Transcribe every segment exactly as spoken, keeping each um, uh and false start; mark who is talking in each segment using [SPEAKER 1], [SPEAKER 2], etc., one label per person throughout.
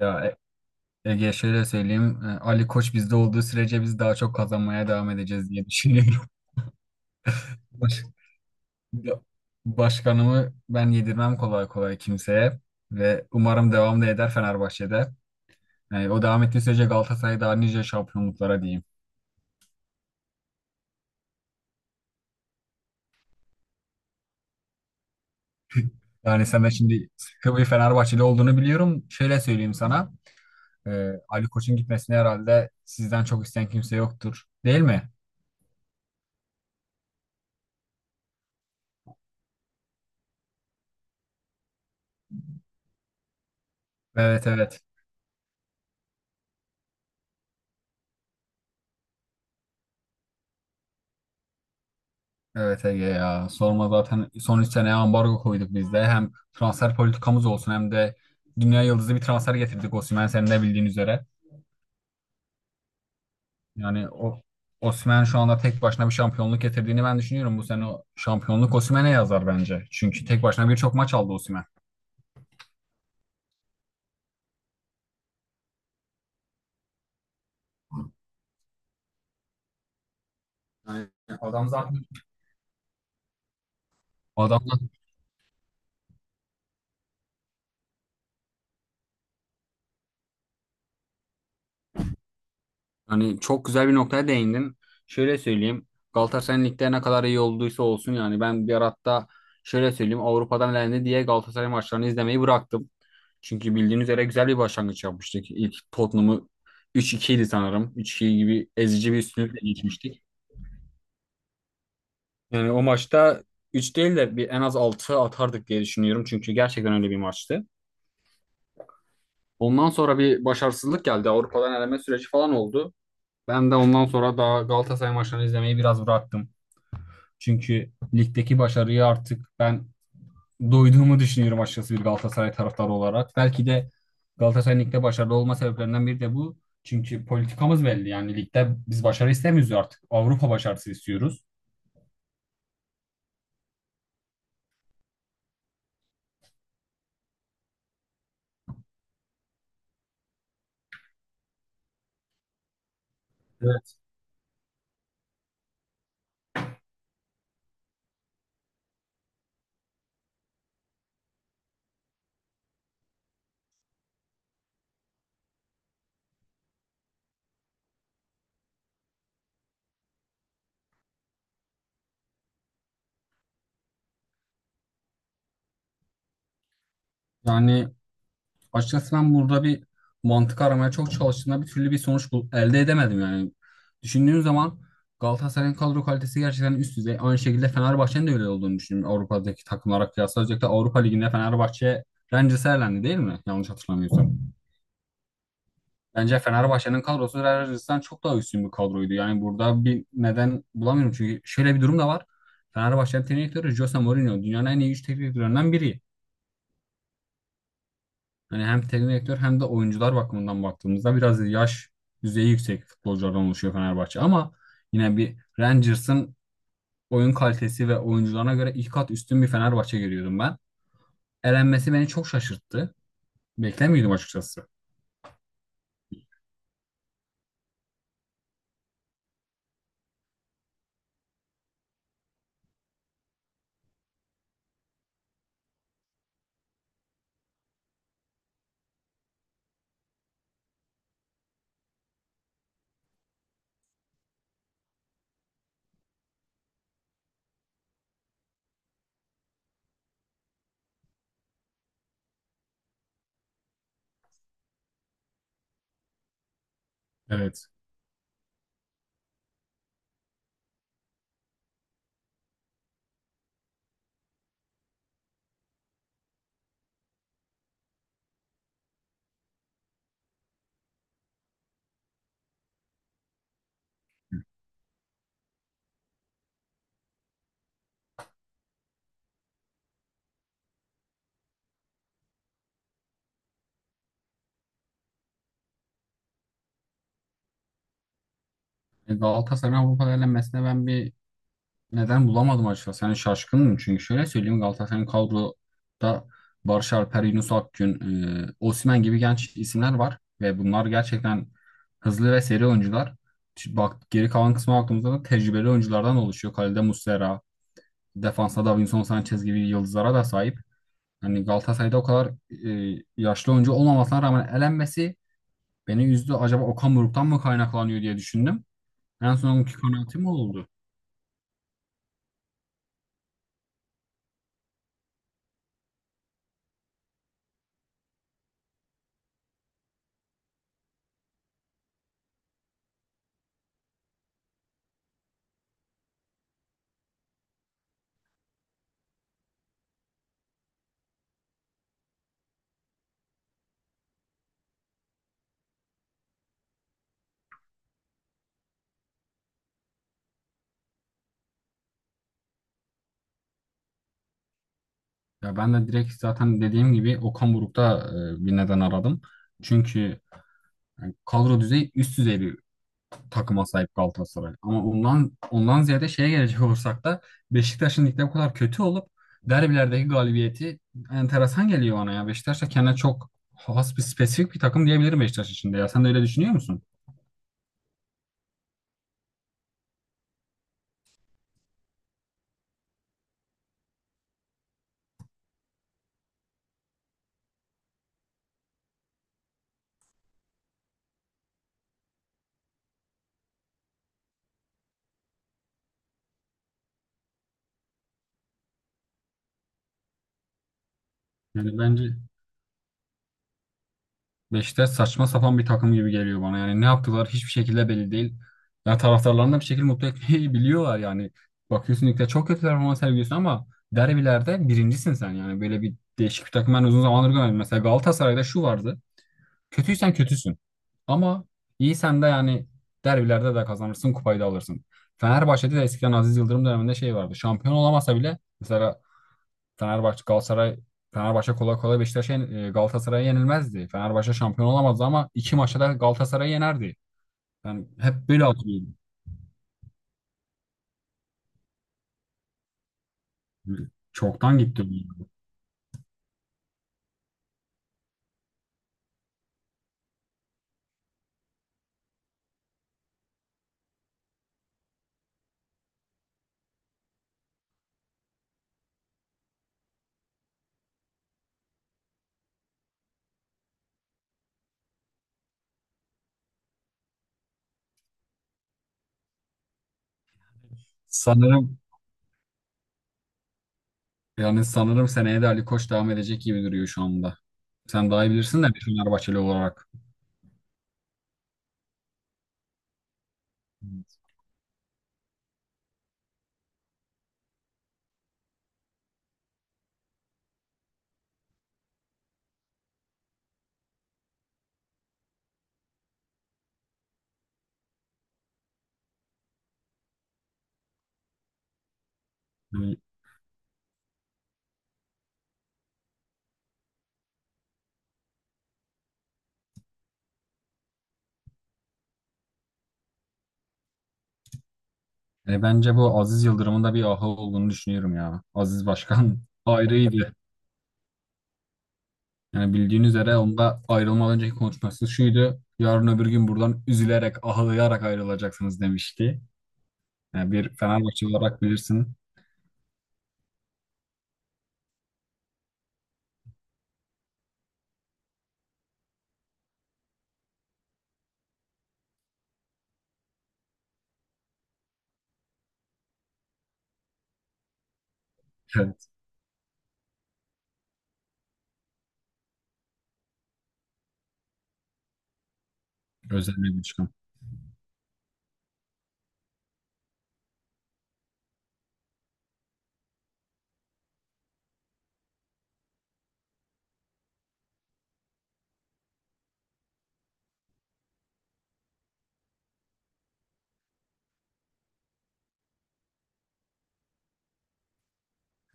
[SPEAKER 1] Ya E- Ege şöyle söyleyeyim. e, Ali Koç bizde olduğu sürece biz daha çok kazanmaya devam edeceğiz diye düşünüyorum. Baş- Ya, başkanımı ben yedirmem kolay kolay kimseye ve umarım devam da eder Fenerbahçe'de. Yani o devam ettiği sürece Galatasaray daha nice şampiyonluklara diyeyim. Yani sen de şimdi sıkı bir Fenerbahçeli olduğunu biliyorum. Şöyle söyleyeyim sana. e, Ali Koç'un gitmesini herhalde sizden çok isteyen kimse yoktur, değil mi? Evet, evet. Evet Ege, ya sorma, zaten son üç seneye ambargo koyduk biz de. Hem transfer politikamız olsun hem de dünya yıldızı bir transfer getirdik, Osimhen, senin de bildiğin üzere. Yani o Osimhen şu anda tek başına bir şampiyonluk getirdiğini ben düşünüyorum. Bu sene o şampiyonluk Osimhen'e yazar bence. Çünkü tek başına birçok maç aldı Osimhen. Yani adam zaten adam hani çok güzel bir noktaya değindin. Şöyle söyleyeyim. Galatasaray'ın ligde ne kadar iyi olduysa olsun, yani ben bir ara, hatta şöyle söyleyeyim, Avrupa'dan elendi diye Galatasaray maçlarını izlemeyi bıraktım. Çünkü bildiğiniz üzere güzel bir başlangıç yapmıştık. İlk Tottenham'ı üç ikiydi idi sanırım. üç iki gibi ezici bir üstünlükle geçmiştik. Yani o maçta üç değil de bir, en az altı atardık diye düşünüyorum. Çünkü gerçekten öyle bir maçtı. Ondan sonra bir başarısızlık geldi. Avrupa'dan eleme süreci falan oldu. Ben de ondan sonra daha Galatasaray maçlarını izlemeyi biraz bıraktım. Çünkü ligdeki başarıya artık ben doyduğumu düşünüyorum açıkçası, bir Galatasaray taraftarı olarak. Belki de Galatasaray'ın ligde başarılı olma sebeplerinden biri de bu. Çünkü politikamız belli. Yani ligde biz başarı istemiyoruz artık. Avrupa başarısı istiyoruz. Evet. Yani, açıkçası ben burada bir mantık aramaya çok çalıştığımda bir türlü bir sonuç bul- elde edemedim yani. Düşündüğüm zaman Galatasaray'ın kadro kalitesi gerçekten üst düzey. Aynı şekilde Fenerbahçe'nin de öyle olduğunu düşünüyorum, Avrupa'daki takımlara kıyasla. Özellikle Avrupa Ligi'nde Fenerbahçe Rangers'e elendi, değil mi? Yanlış hatırlamıyorsam. Bence Fenerbahçe'nin kadrosu Rangers'tan çok daha üstün bir kadroydu. Yani burada bir neden bulamıyorum. Çünkü şöyle bir durum da var. Fenerbahçe'nin teknik direktörü Jose Mourinho dünyanın en iyi üç teknik direktörlerinden biri. Hani hem teknik direktör hem de oyuncular bakımından baktığımızda biraz yaş düzeyi yüksek futbolculardan oluşuyor Fenerbahçe. Ama yine bir Rangers'ın oyun kalitesi ve oyuncularına göre ilk kat üstün bir Fenerbahçe görüyordum ben. Elenmesi beni çok şaşırttı. Beklemiyordum açıkçası. Evet. E, Galatasaray'ın Avrupa'da elenmesine ben bir neden bulamadım açıkçası. Yani şaşkınım, çünkü şöyle söyleyeyim, Galatasaray'ın kadroda Barış Alper, Yunus Akgün, e, Osimhen gibi genç isimler var ve bunlar gerçekten hızlı ve seri oyuncular. Şimdi bak, geri kalan kısma baktığımızda da tecrübeli oyunculardan oluşuyor. Kalede Muslera, defansta Davinson Sanchez gibi yıldızlara da sahip. Hani Galatasaray'da o kadar e, yaşlı oyuncu olmamasına rağmen elenmesi beni üzdü. Acaba Okan Buruk'tan mı kaynaklanıyor diye düşündüm. En son ki kanaatim o oldu. Ya ben de direkt, zaten dediğim gibi Okan Buruk'ta e, bir neden aradım. Çünkü yani kadro düzeyi üst düzey bir takıma sahip Galatasaray. Ama ondan ondan ziyade şeye gelecek olursak da Beşiktaş'ın ligde bu kadar kötü olup derbilerdeki galibiyeti enteresan geliyor bana ya. Beşiktaş da kendine çok has, bir spesifik bir takım diyebilirim Beşiktaş için de ya. Sen de öyle düşünüyor musun? Yani bence Beşiktaş saçma sapan bir takım gibi geliyor bana. Yani ne yaptılar hiçbir şekilde belli değil. Ya taraftarlarını da bir şekilde mutlu etmeyi biliyorlar yani. Bakıyorsun ligde çok kötü performans sergiliyorsun ama derbilerde birincisin sen yani. Böyle bir değişik bir takım ben uzun zamandır görmedim. Mesela Galatasaray'da şu vardı. Kötüysen kötüsün. Ama iyisen de yani derbilerde de kazanırsın, kupayı da alırsın. Fenerbahçe'de de eskiden Aziz Yıldırım döneminde şey vardı. Şampiyon olamasa bile mesela Fenerbahçe Galatasaray, Fenerbahçe kolay kolay Beşiktaş'a yen- e, Galatasaray'a yenilmezdi. Fenerbahçe şampiyon olamazdı ama iki maçta da Galatasaray'ı yenerdi. Ben hep böyle hatırlıyorum. Çoktan gitti bu. Sanırım, yani sanırım seneye de Ali Koç devam edecek gibi duruyor şu anda. Sen daha iyi bilirsin de bir Fenerbahçeli olarak. Yani e, bence bu Aziz Yıldırım'ın da bir ahı olduğunu düşünüyorum ya. Aziz Başkan ayrıydı. Yani bildiğiniz üzere onda ayrılmadan önceki konuşması şuydu. Yarın öbür gün buradan üzülerek, ağlayarak ayrılacaksınız demişti. Yani bir Fenerbahçe olarak bilirsin. Evet, özel bir çıkım.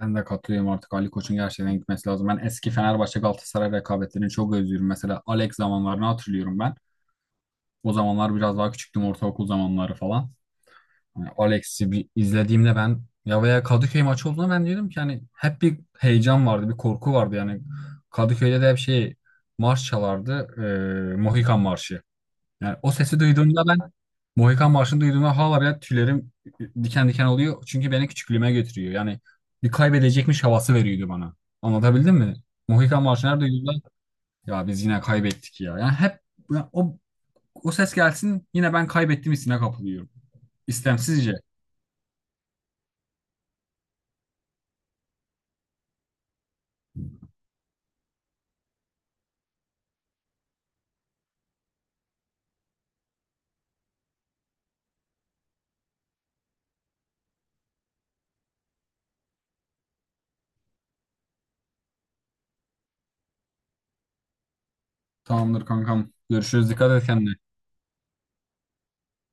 [SPEAKER 1] Ben de katılıyorum, artık Ali Koç'un gerçekten gitmesi lazım. Ben eski Fenerbahçe Galatasaray rekabetlerini çok özlüyorum. Mesela Alex zamanlarını hatırlıyorum ben. O zamanlar biraz daha küçüktüm, ortaokul zamanları falan. Yani Alex'i bir izlediğimde ben ya, veya Kadıköy maçı olduğunda ben diyordum ki hani hep bir heyecan vardı, bir korku vardı yani. Kadıköy'de de hep şey marş çalardı, eee Mohikan Marşı. Yani o sesi duyduğumda ben, Mohikan Marşı'nı duyduğumda hala bile tüylerim diken diken oluyor. Çünkü beni küçüklüğüme götürüyor. Yani bir kaybedecekmiş havası veriyordu bana. Anlatabildim mi? Mohikan Marşı'nı her duyduğumda ya biz yine kaybettik ya. Yani hep ya o, o ses gelsin yine ben kaybettim hissine kapılıyorum. İstemsizce. Tamamdır kankam. Görüşürüz. Dikkat et kendine.